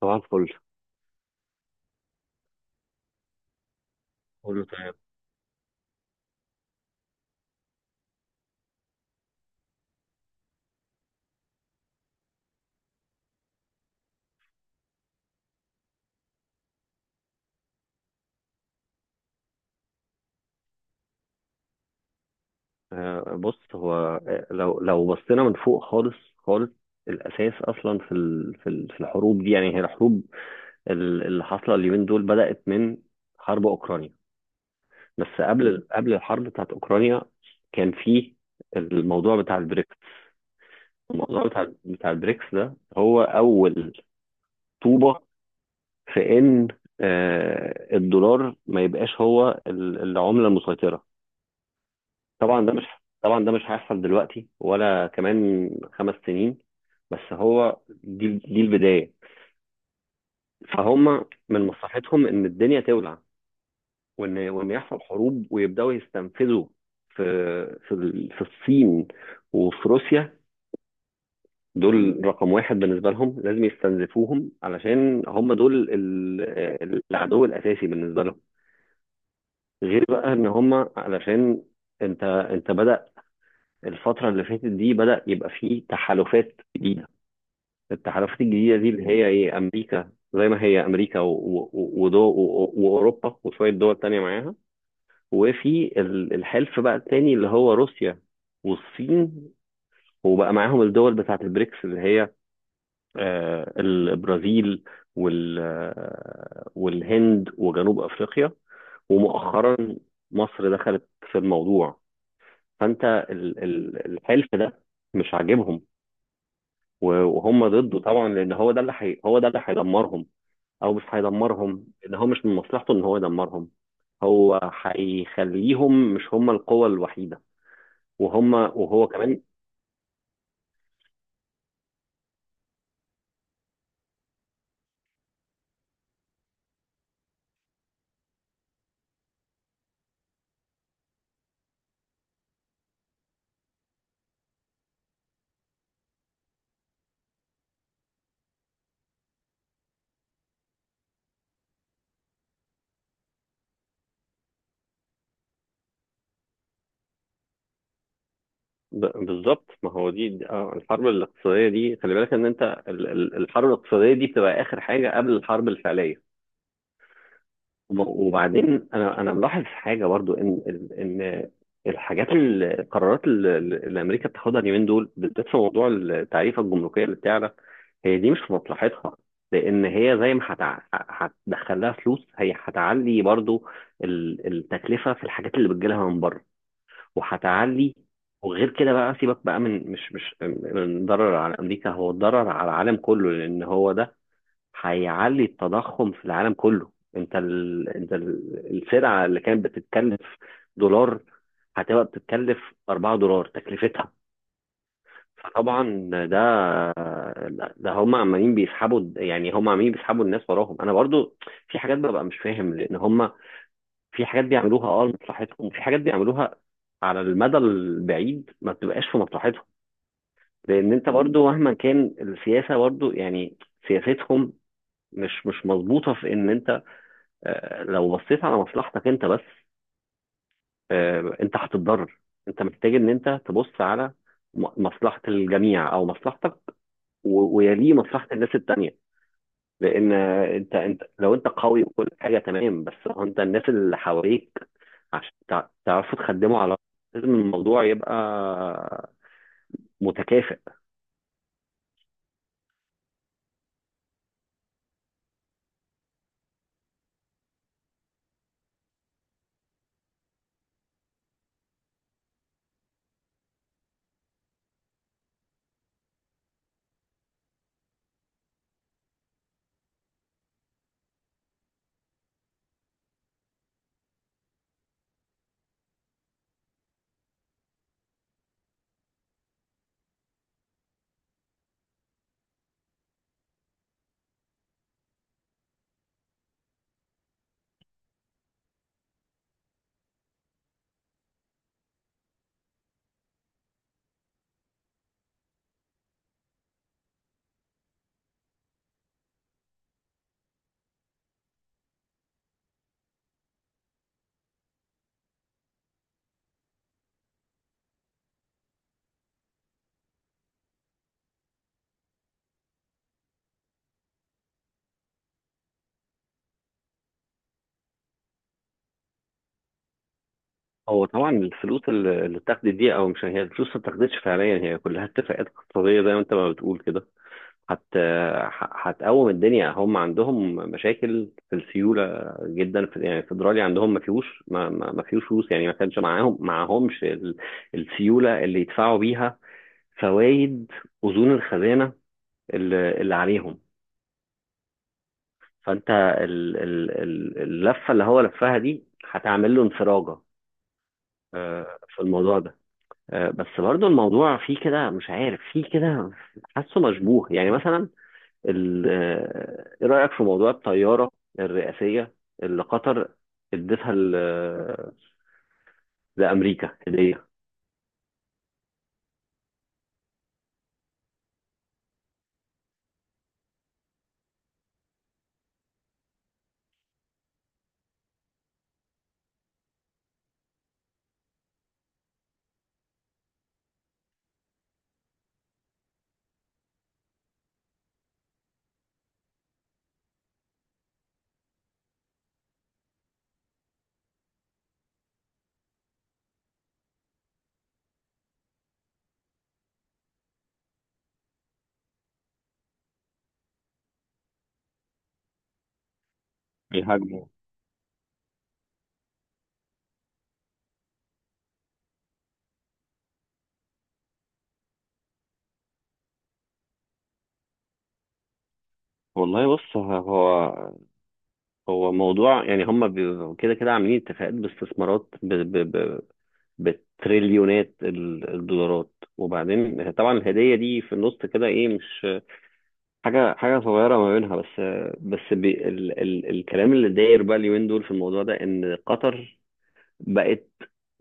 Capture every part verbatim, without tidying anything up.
طبعا فل. كله تمام. آه، بص هو. آه، لو لو بصينا من فوق خالص خالص، الاساس اصلا في ال- في ال- في الحروب دي. يعني هي الحروب ال- اللي حاصله اليومين دول بدات من حرب اوكرانيا. بس قبل قبل الحرب بتاعت اوكرانيا كان في الموضوع بتاع البريكس. الموضوع بتاع بتاع البريكس ده هو اول طوبه في ان آه، الدولار ما يبقاش هو ال- العمله المسيطره. طبعا ده مش طبعا ده مش هيحصل دلوقتي ولا كمان خمس سنين. بس هو دي دي البداية. فهم من مصلحتهم ان الدنيا تولع، وان وان يحصل حروب ويبداوا يستنفذوا في في ال- في الصين وفي روسيا. دول رقم واحد بالنسبة لهم، لازم يستنزفوهم علشان هم دول ال- ال- العدو الأساسي بالنسبة لهم. غير بقى ان هم، علشان انت انت بدأ الفترة اللي فاتت دي، بدأ يبقى فيه تحالفات جديدة. التحالفات الجديدة دي اللي هي إيه، أمريكا زي ما هي أمريكا و- و- و- ودو و- و- وأوروبا وشوية دول تانية معاها. وفي ال- الحلف بقى التاني اللي هو روسيا والصين، وبقى معاهم الدول بتاعت البريكس اللي هي آه، البرازيل وال آه، والهند وجنوب أفريقيا. ومؤخرا مصر دخلت في الموضوع. فانت ال- ال- الحلف ده مش عاجبهم. و- وهم ضده طبعا لان هو ده اللي حي... هو ده اللي هيدمرهم. او مش هيدمرهم، ان هو مش من مصلحته ان هو يدمرهم. هو هيخليهم مش هم القوة الوحيدة، وهم وهو كمان. ب- بالظبط، ما هو دي آه، الحرب الاقتصادية دي، خلي بالك ان انت ال- ال- الحرب الاقتصادية دي بتبقى اخر حاجة قبل الحرب الفعلية. وب- وبعدين انا انا ملاحظ حاجة برضو ان ان الحاجات ال- القرارات اللي اللي امريكا بتاخدها اليومين دول بالذات في موضوع التعريفة الجمركية اللي بتعلى، هي دي مش في مصلحتها. لان هي زي ما هتع- هتدخل لها فلوس، هي هتعلي برضو ال- التكلفه في الحاجات اللي بتجيلها من بره، وهتعلي. وغير كده بقى سيبك بقى من مش مش من ضرر على امريكا، هو الضرر على العالم كله لان هو ده هيعلي التضخم في العالم كله. انت ال... انت ال- السلعه اللي كانت بتتكلف دولار، هتبقى بتتكلف أربعة دولار تكلفتها. فطبعا ده، ده هم عمالين بيسحبوا. يعني هم عمالين بيسحبوا الناس وراهم. انا برضو في حاجات ببقى مش فاهم، لان هم في حاجات بيعملوها اه لمصلحتهم، وفي حاجات بيعملوها على المدى البعيد ما بتبقاش في مصلحتهم. لان انت برضو مهما كان السياسه برضو يعني سياستهم مش مش مظبوطه. في ان انت آه، لو بصيت على مصلحتك انت بس، آه، انت هتتضرر. انت محتاج ان انت تبص على م- مصلحه الجميع او مصلحتك، و- ويليه مصلحه الناس التانيه. لان انت انت لو انت قوي وكل حاجه تمام، بس هو انت الناس اللي حواليك عشان تع- تعرفوا تخدموا على بعض، لازم الموضوع يبقى متكافئ. هو طبعا الفلوس اللي اللي اتاخدت دي، او مش هي الفلوس ما اتاخدتش فعليا، هي كلها اتفاقات اقتصاديه زي ما انت ما بتقول كده. هت ح- هتقوم الدنيا. هم عندهم مشاكل في السيوله جدا. في يعني الفدرالي عندهم ما فيهوش ما, ما ما فيهوش فلوس. يعني ما كانش معاهم معاهمش ال- السيوله اللي يدفعوا بيها فوائد اذون الخزانه اللي, اللي عليهم. فانت ال- ال- ال- اللفه اللي هو لفها دي هتعمل له انفراجه آه، في الموضوع ده. آه، بس برضو الموضوع فيه كده مش عارف فيه كده، حاسه مشبوه. يعني مثلا ال- آه، ايه رأيك في موضوع الطيارة الرئاسية اللي قطر ادتها ل- لأمريكا هدية؟ بيهاجموا. والله، بص، ه- هو هو موضوع يعني هم بي- كده كده عاملين اتفاقات باستثمارات ب... ب... ب... بتريليونات ال- الدولارات. وبعدين طبعا الهدية دي في النص كده ايه، مش حاجة حاجة صغيرة ما بينها. بس بس بي... ال... ال... الكلام اللي داير بقى اليومين دول في الموضوع ده ان قطر بقت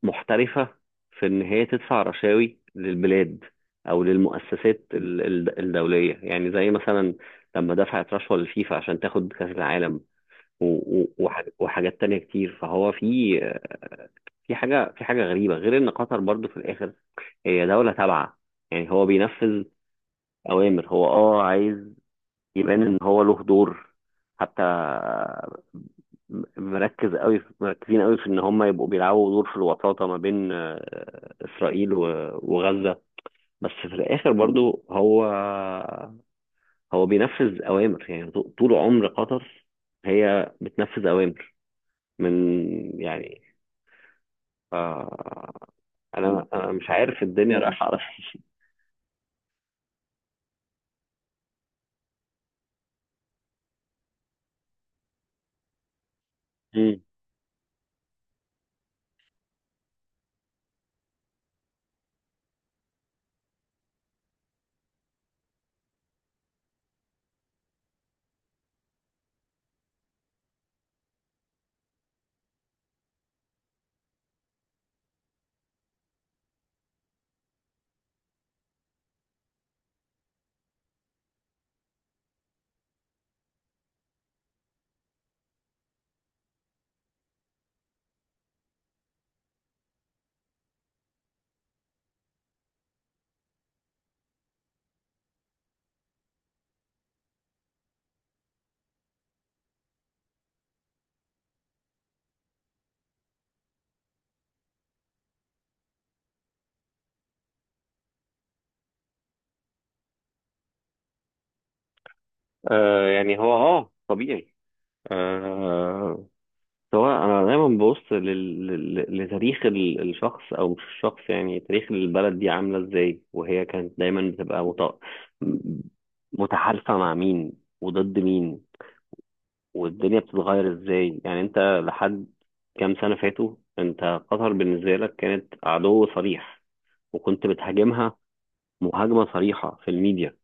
محترفة في إن هي تدفع رشاوي للبلاد أو للمؤسسات ال- ال- الدولية. يعني زي مثلا لما دفعت رشوة للفيفا عشان تاخد كأس العالم، و- و- وح- وحاجات تانية كتير. فهو في في حاجة في حاجة غريبة. غير إن قطر برضو في الآخر هي دولة تابعة، يعني هو بينفذ أوامر. هو أه عايز يبان ان هو له دور. حتى مركز قوي، مركزين قوي، في ان هم يبقوا بيلعبوا دور في الوساطه ما بين آه، اسرائيل و- وغزه. بس في الاخر برضو، هو هو بينفذ اوامر. يعني ط- طول عمر قطر هي بتنفذ اوامر من يعني آه، انا انا مش عارف الدنيا رايحه على فين. مم. آه، يعني هو اه طبيعي. آه، سواء انا دايما ببص لل... لل- لتاريخ ال- الشخص او مش الشخص، يعني تاريخ البلد دي عامله ازاي وهي كانت دايما بتبقى مت... متحالفه مع مين وضد مين. والدنيا بتتغير ازاي. يعني انت لحد كام سنه فاتوا انت قطر بالنسبه لك كانت عدو صريح، وكنت بتهاجمها مهاجمه صريحه في الميديا،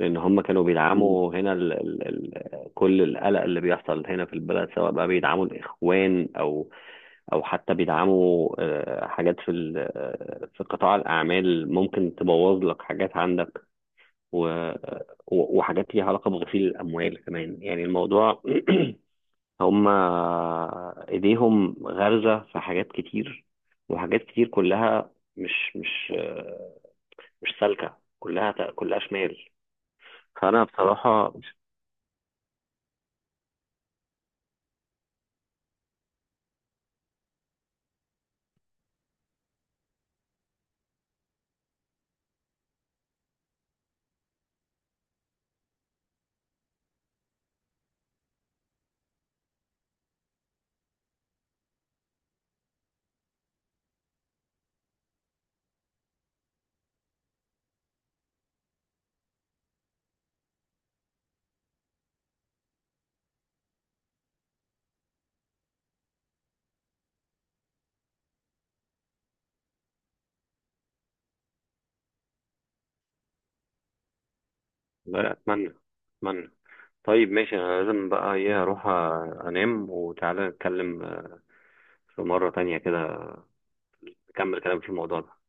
لان هم كانوا مم. بيدعموا هنا ال... ال... ال... كل القلق اللي بيحصل هنا في البلد، سواء بقى بيدعموا الاخوان او او حتى بيدعموا آه، حاجات في ال- آه، في قطاع الاعمال ممكن تبوظ لك حاجات عندك، و- آه، و- وحاجات ليها علاقه بغسيل الاموال كمان. يعني الموضوع هم ايديهم غارزه في حاجات كتير. وحاجات كتير كلها مش مش آه، مش سالكه، كلها كلها شمال. فانا بصراحه. لا، اتمنى، اتمنى. طيب ماشي، انا لازم بقى ايه اروح انام. وتعالى نتكلم آه، في مرة تانية كده، نكمل كلام في الموضوع ده.